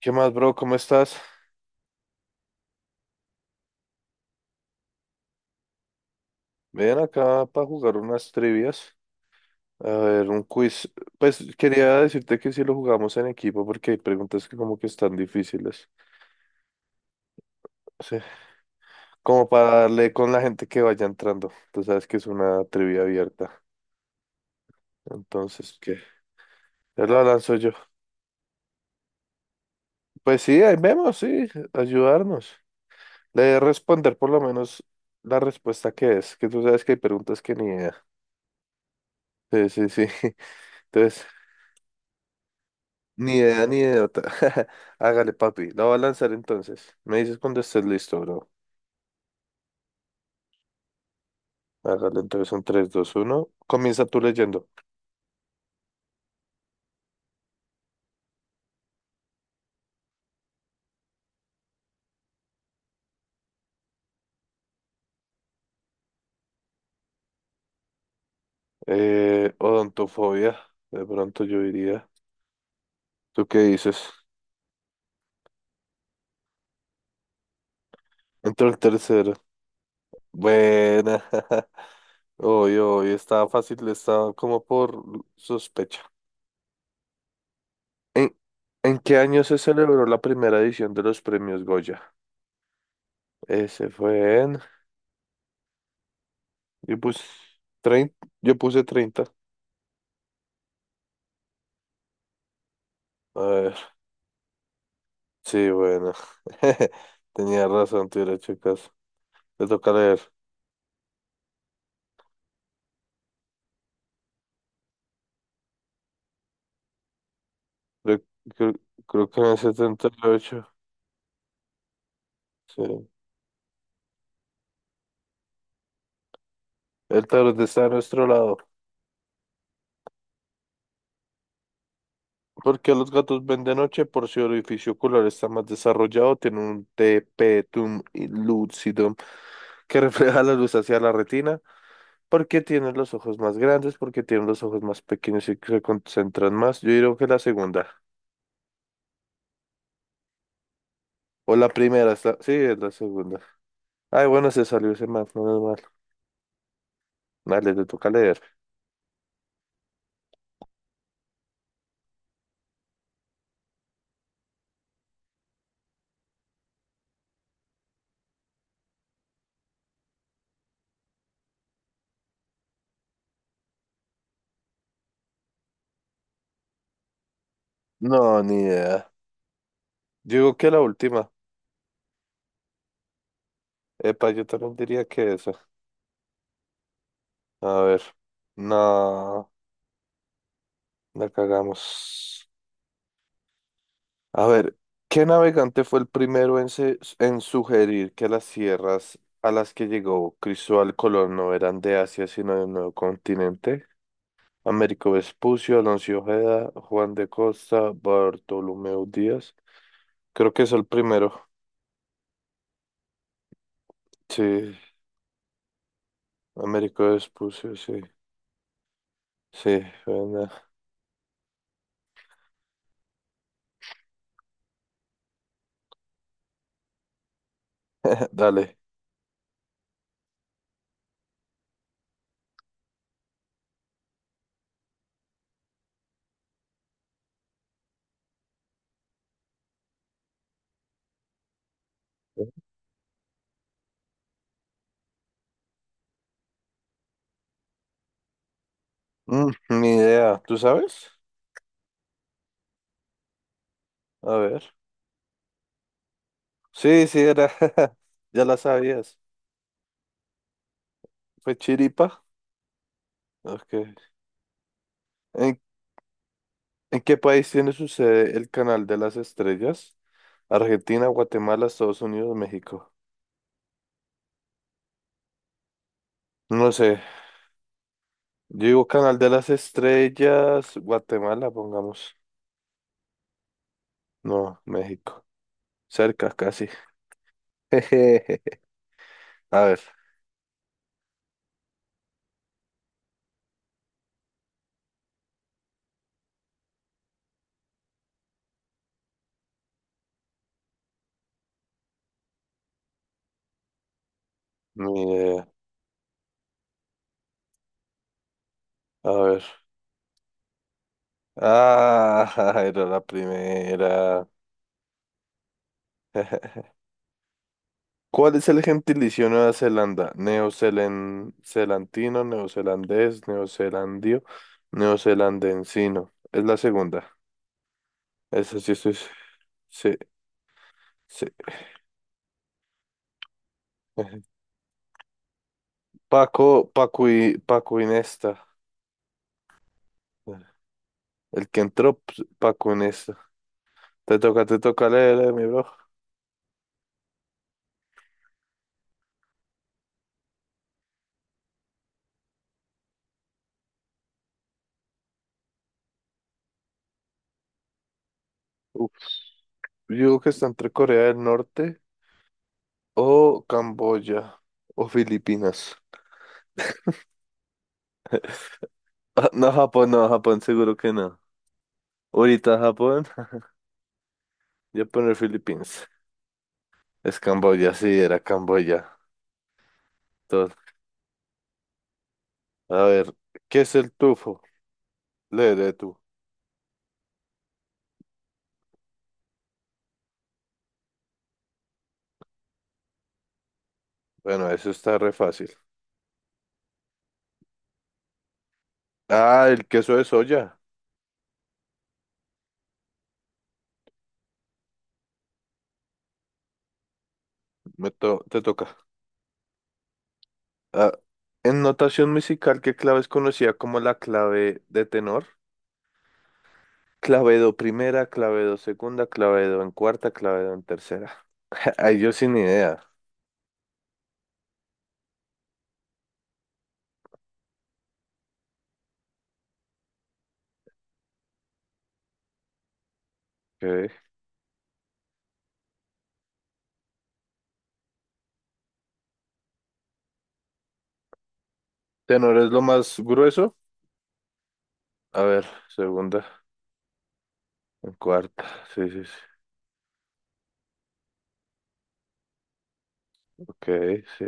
¿Qué más, bro? ¿Cómo estás? Ven acá para jugar unas trivias. A ver, un quiz. Pues quería decirte que si lo jugamos en equipo porque hay preguntas que como que están difíciles. Sí, como para darle con la gente que vaya entrando. Tú sabes que es una trivia abierta. Entonces, ¿qué? Ya la lanzo yo. Pues sí, ahí vemos, sí, ayudarnos. Le de responder por lo menos la respuesta que es, que tú sabes que hay preguntas que ni idea. Sí, sí, sí. Entonces, ni idea, ni idiota. Hágale, papi. La voy a lanzar entonces. Me dices cuando estés listo, bro. Hágale entonces en tres dos uno. Comienza tú leyendo. Odontofobia. De pronto yo diría. ¿Tú qué dices? Entró el tercero. Buena. Hoy estaba fácil, estaba como por sospecha. ¿En, en qué año se celebró la primera edición de los premios Goya? Ese fue en. Yo puse treinta. Yo puse 30. Sí, bueno. Tenía razón, te hubiera hecho caso. Te toca leer. Creo, creo- creo que en el 78. Sí. El tarot está a nuestro lado. ¿Por qué los gatos ven de noche? Por si el orificio ocular está más desarrollado, tiene un tapetum lucidum que refleja la luz hacia la retina. ¿Por qué tienen los ojos más grandes? ¿Por qué tienen los ojos más pequeños y que se concentran más? Yo diría que la segunda. O la primera, está sí, es la segunda. Ay, bueno, se salió ese más, no es mal. Dale, te toca leer. No, ni idea. Yo digo que la última. Epa, yo también diría que esa. A ver. No, la cagamos. A ver, ¿qué navegante fue el primero en sugerir que las tierras a las que llegó Cristóbal Colón no eran de Asia, sino de un nuevo continente? Américo Vespucio, Alonso Ojeda, Juan de Costa, Bartolomeo Díaz. Creo que es el primero. Sí, Américo Vespucio, sí. Sí, bueno. Dale. Mm, ni idea. ¿Tú sabes? A ver. Sí, sí, era. Ya la sabías. Fue Chiripa. Ok. ¿En, en qué país tiene su sede el Canal de las Estrellas? Argentina, Guatemala, Estados Unidos, México. No sé. Yo digo Canal de las Estrellas, Guatemala, pongamos. No, México. Cerca, casi. Jejeje. A ver. Ni idea. A ver. Ah, era la primera. ¿Cuál es el gentilicio de Nueva Zelanda? Neozelandino, neozelandés, neozelandio, neozelandensino. Es la segunda. Esa sí, sí, sí, sí. Sí. Paco, Paco y Paco Inesta. El que entró, pues, Paco Inesta. Te toca leer, mi bro. Uf, yo digo que está entre Corea del Norte o Camboya o Filipinas. Ah, no, Japón, no, Japón, seguro que no. Ahorita Japón. Ya poner Filipinas. Es Camboya, sí, era Camboya. Entonces, a ver, ¿qué es el tufo? Léele tú. Bueno, eso está re fácil. Ah, el queso de soya. Te toca. Ah, en notación musical, ¿qué clave es conocida como la clave de tenor? Clavedo primera, clavedo segunda, clavedo en cuarta, clavedo en tercera. Ahí yo sin idea. Ok. ¿Tenor es lo más grueso? A ver, segunda, en cuarta. Sí, sí, sí. Ok, sí.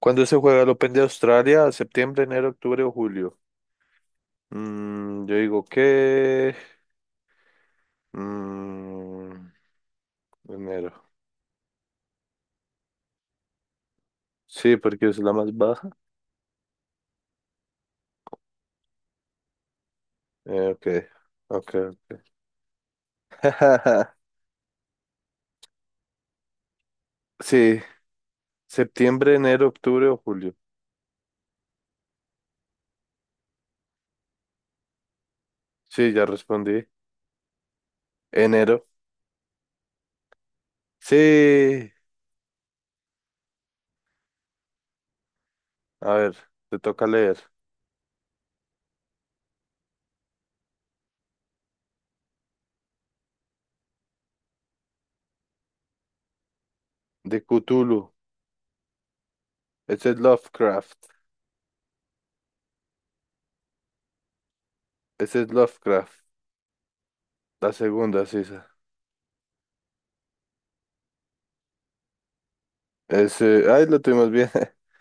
¿Cuándo se juega el Open de Australia? ¿Septiembre, enero, octubre o julio? Yo digo que mm, enero. Sí, porque es la más baja. Ok, ok, ok. Sí, septiembre, enero, octubre o julio. Sí, ya respondí. Enero. Sí. A ver, te toca leer. De Cthulhu. Ese es Lovecraft. Ese es Lovecraft. La segunda, sí, esa. Ese, ay, lo tuvimos bien.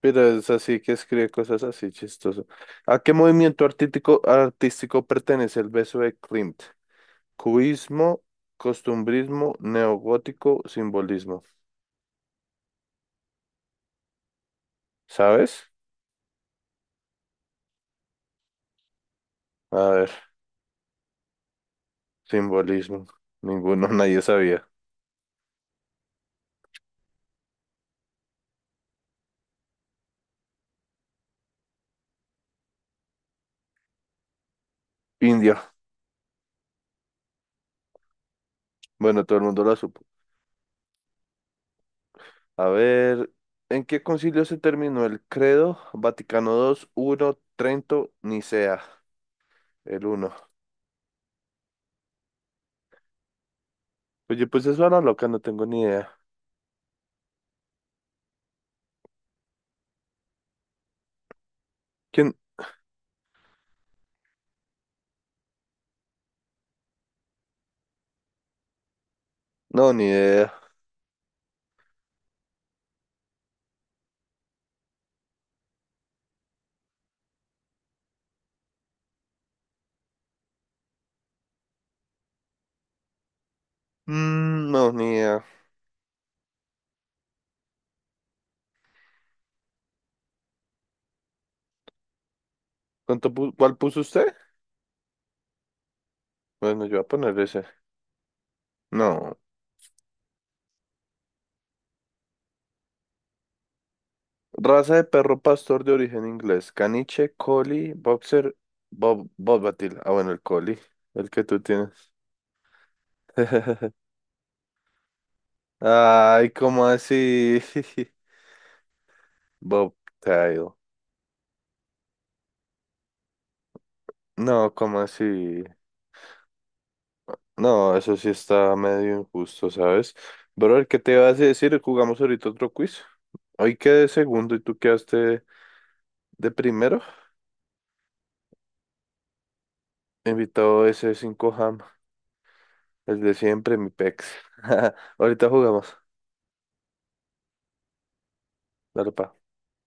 Pero es así que escribe cosas así chistoso. ¿A qué movimiento artístico pertenece el beso de Klimt? Cubismo, costumbrismo, neogótico, simbolismo. ¿Sabes? A ver, simbolismo. Ninguno, nadie sabía. Indio. Bueno, todo el mundo lo supo. A ver, ¿en qué concilio se terminó el credo? Vaticano dos uno, Trento, Nicea. El uno. Oye, pues eso era loca, no tengo ni idea. ¿Quién? No, ni idea. Mm, no, ni idea. ¿Cuál puso usted? Bueno, yo voy a poner ese. No. Raza de perro pastor de origen inglés. Caniche, collie, boxer, bob, Bobbatil. Ah, bueno, el collie. El que tú tienes. Ay, ¿cómo así? Bobtail. No, ¿cómo así? No, eso sí está medio injusto, ¿sabes? Bro, ¿qué te vas a decir? Jugamos ahorita otro quiz. Hoy quedé segundo y tú quedaste de primero. Invitado ese 5 ham. El de siempre, mi pex. Ahorita jugamos. Dale, pa.